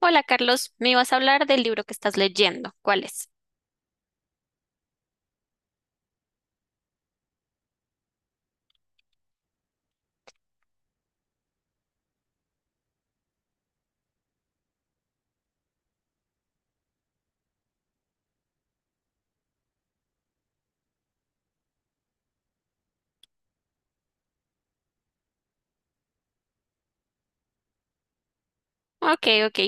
Hola Carlos, me ibas a hablar del libro que estás leyendo. ¿Cuál es? Ok, ok.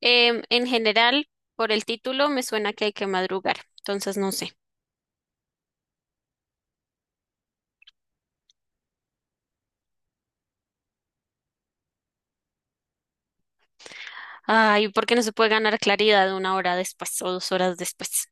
En general, por el título me suena que hay que madrugar, entonces no sé. Ay, ¿por qué no se puede ganar claridad una hora después o dos horas después?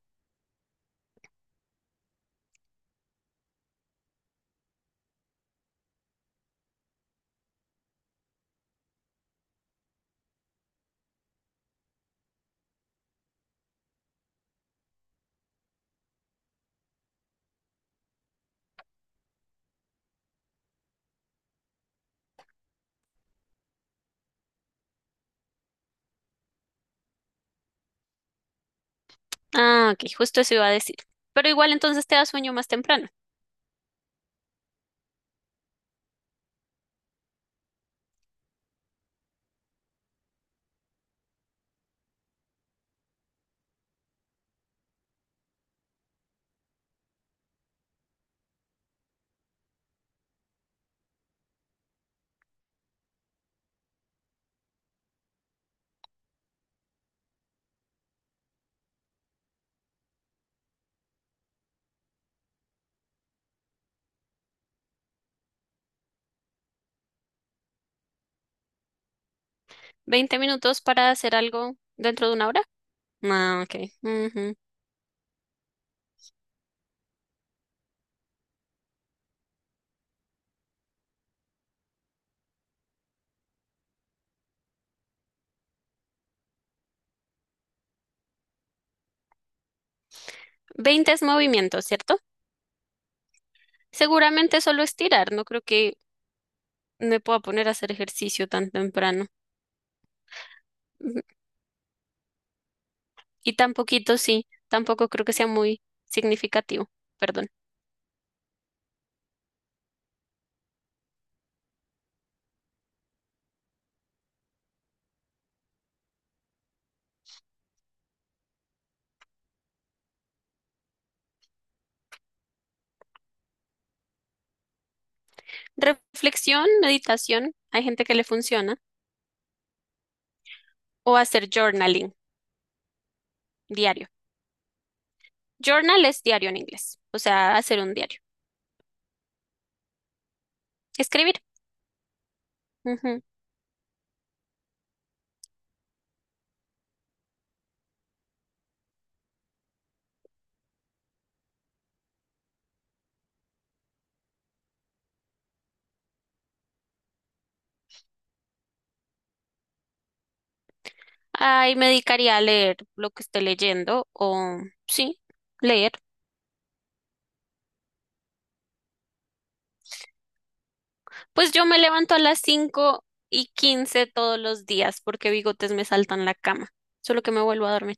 Ah, ok, justo eso iba a decir. Pero igual entonces te da sueño más temprano. ¿Veinte minutos para hacer algo dentro de una hora? Ah, ok. Ujú. 20 es movimiento, ¿cierto? Seguramente solo estirar, no creo que me puedo poner a hacer ejercicio tan temprano. Ujú. Y tan poquito, sí, tampoco creo que sea muy significativo. Perdón. Reflexión, meditación, hay gente que le funciona. O hacer journaling, diario. Journal es diario en inglés, o sea, hacer un diario. Escribir. Ujú. Ay, me dedicaría a leer lo que esté leyendo o sí, leer. Pues yo me levanto a las 5:15 todos los días porque bigotes me saltan la cama. Solo que me vuelvo a dormir,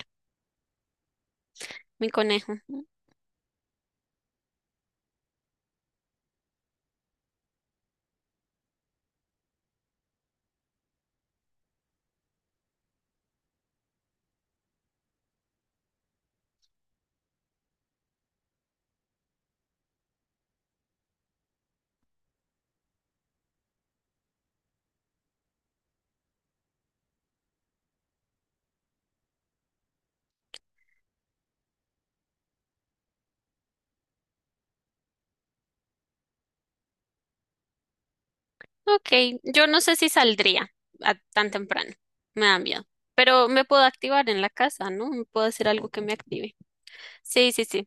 mi conejo. Ok, yo no sé si saldría a tan temprano, me da miedo, pero me puedo activar en la casa, ¿no? Me puedo hacer algo que me active. Sí, sí, sí.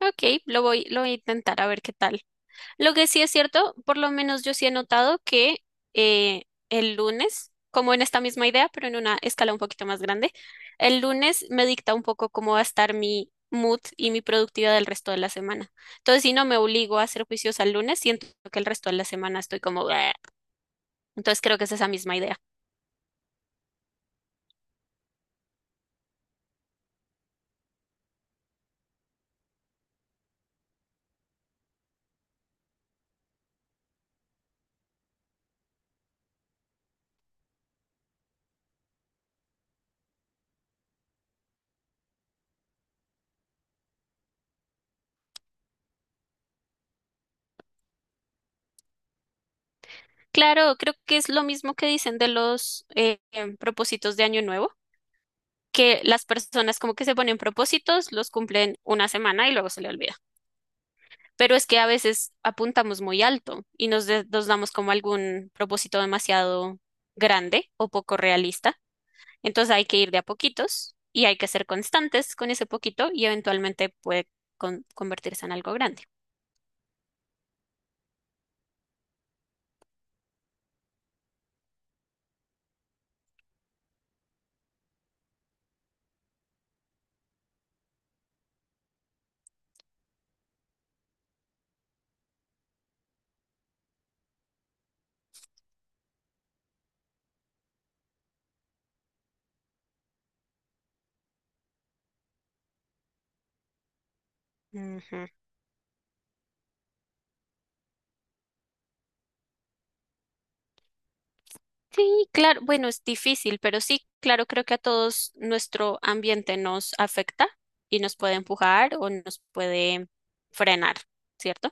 Ok, lo voy a intentar a ver qué tal. Lo que sí es cierto, por lo menos yo sí he notado que eh, el lunes, como en esta misma idea, pero en una escala un poquito más grande, el lunes me dicta un poco cómo va a estar mi mood y mi productividad del resto de la semana. Entonces, si no me obligo a ser juiciosa el lunes, siento que el resto de la semana estoy como... "Bleh". Entonces creo que es esa misma idea. Claro, creo que es lo mismo que dicen de los propósitos de Año Nuevo, que las personas como que se ponen propósitos, los cumplen una semana y luego se le olvida. Pero es que a veces apuntamos muy alto y nos damos como algún propósito demasiado grande o poco realista. Entonces hay que ir de a poquitos y hay que ser constantes con ese poquito y eventualmente puede convertirse en algo grande. Ujú. Sí, claro, bueno, es difícil, pero sí, claro, creo que a todos nuestro ambiente nos afecta y nos puede empujar o nos puede frenar, ¿cierto?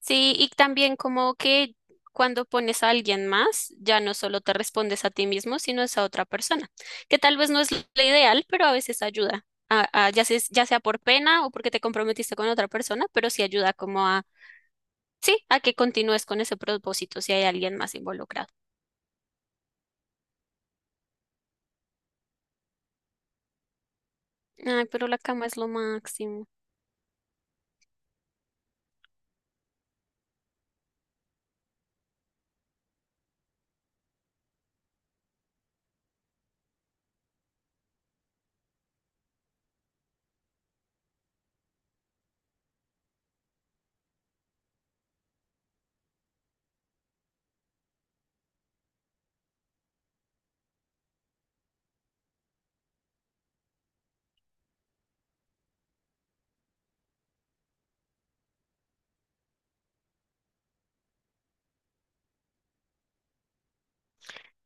Sí, y también como que cuando pones a alguien más, ya no solo te respondes a ti mismo, sino es a otra persona, que tal vez no es lo ideal, pero a veces ayuda, ya sea por pena o porque te comprometiste con otra persona, pero sí ayuda como a, sí, a que continúes con ese propósito si hay alguien más involucrado. Ay, pero la cama es lo máximo.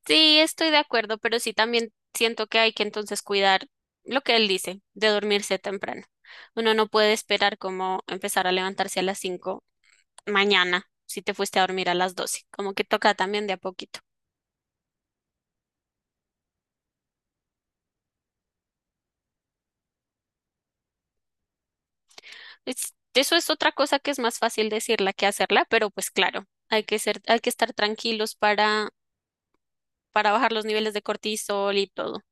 Sí, estoy de acuerdo, pero sí también siento que hay que entonces cuidar lo que él dice, de dormirse temprano. Uno no puede esperar como empezar a levantarse a las 5 mañana si te fuiste a dormir a las 12. Como que toca también de a poquito. Eso es otra cosa que es más fácil decirla que hacerla, pero pues claro, hay que ser, hay que estar tranquilos para bajar los niveles de cortisol y todo.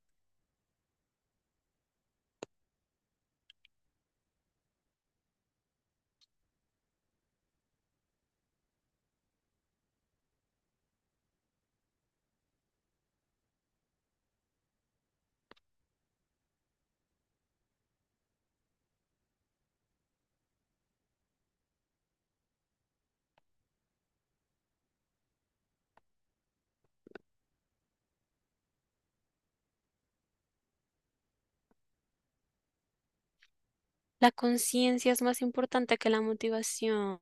La conciencia es más importante que la motivación.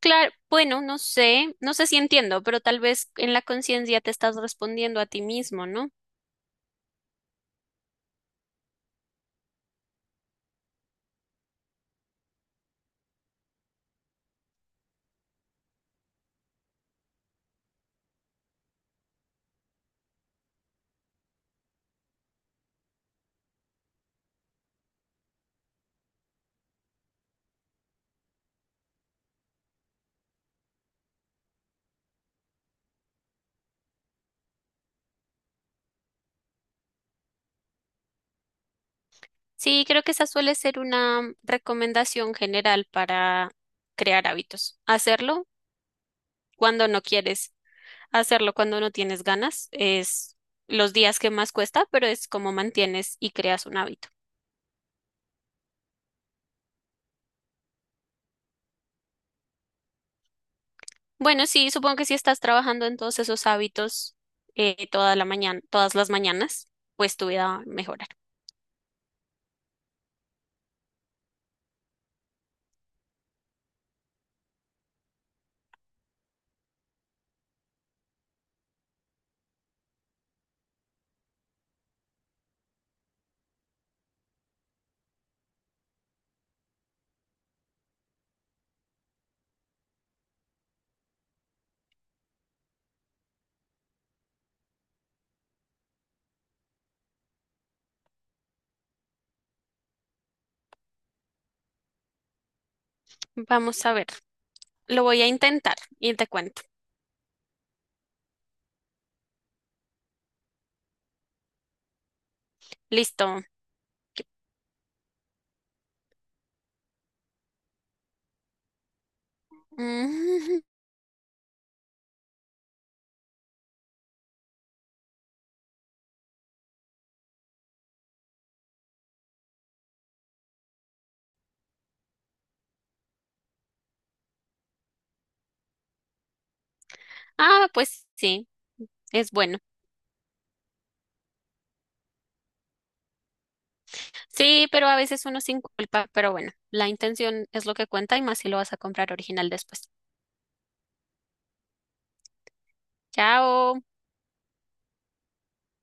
Claro, bueno, no sé, no sé si entiendo, pero tal vez en la conciencia te estás respondiendo a ti mismo, ¿no? Sí, creo que esa suele ser una recomendación general para crear hábitos. Hacerlo cuando no quieres, hacerlo cuando no tienes ganas, es los días que más cuesta, pero es como mantienes y creas un hábito. Bueno, sí, supongo que si estás trabajando en todos esos hábitos toda la mañana, todas las mañanas, pues tu vida va a mejorar. Vamos a ver, lo voy a intentar y te cuento. Listo. Mm, Ah, pues sí, es bueno. Sí, pero a veces uno sin culpa, pero bueno, la intención es lo que cuenta y más si lo vas a comprar original después. Chao.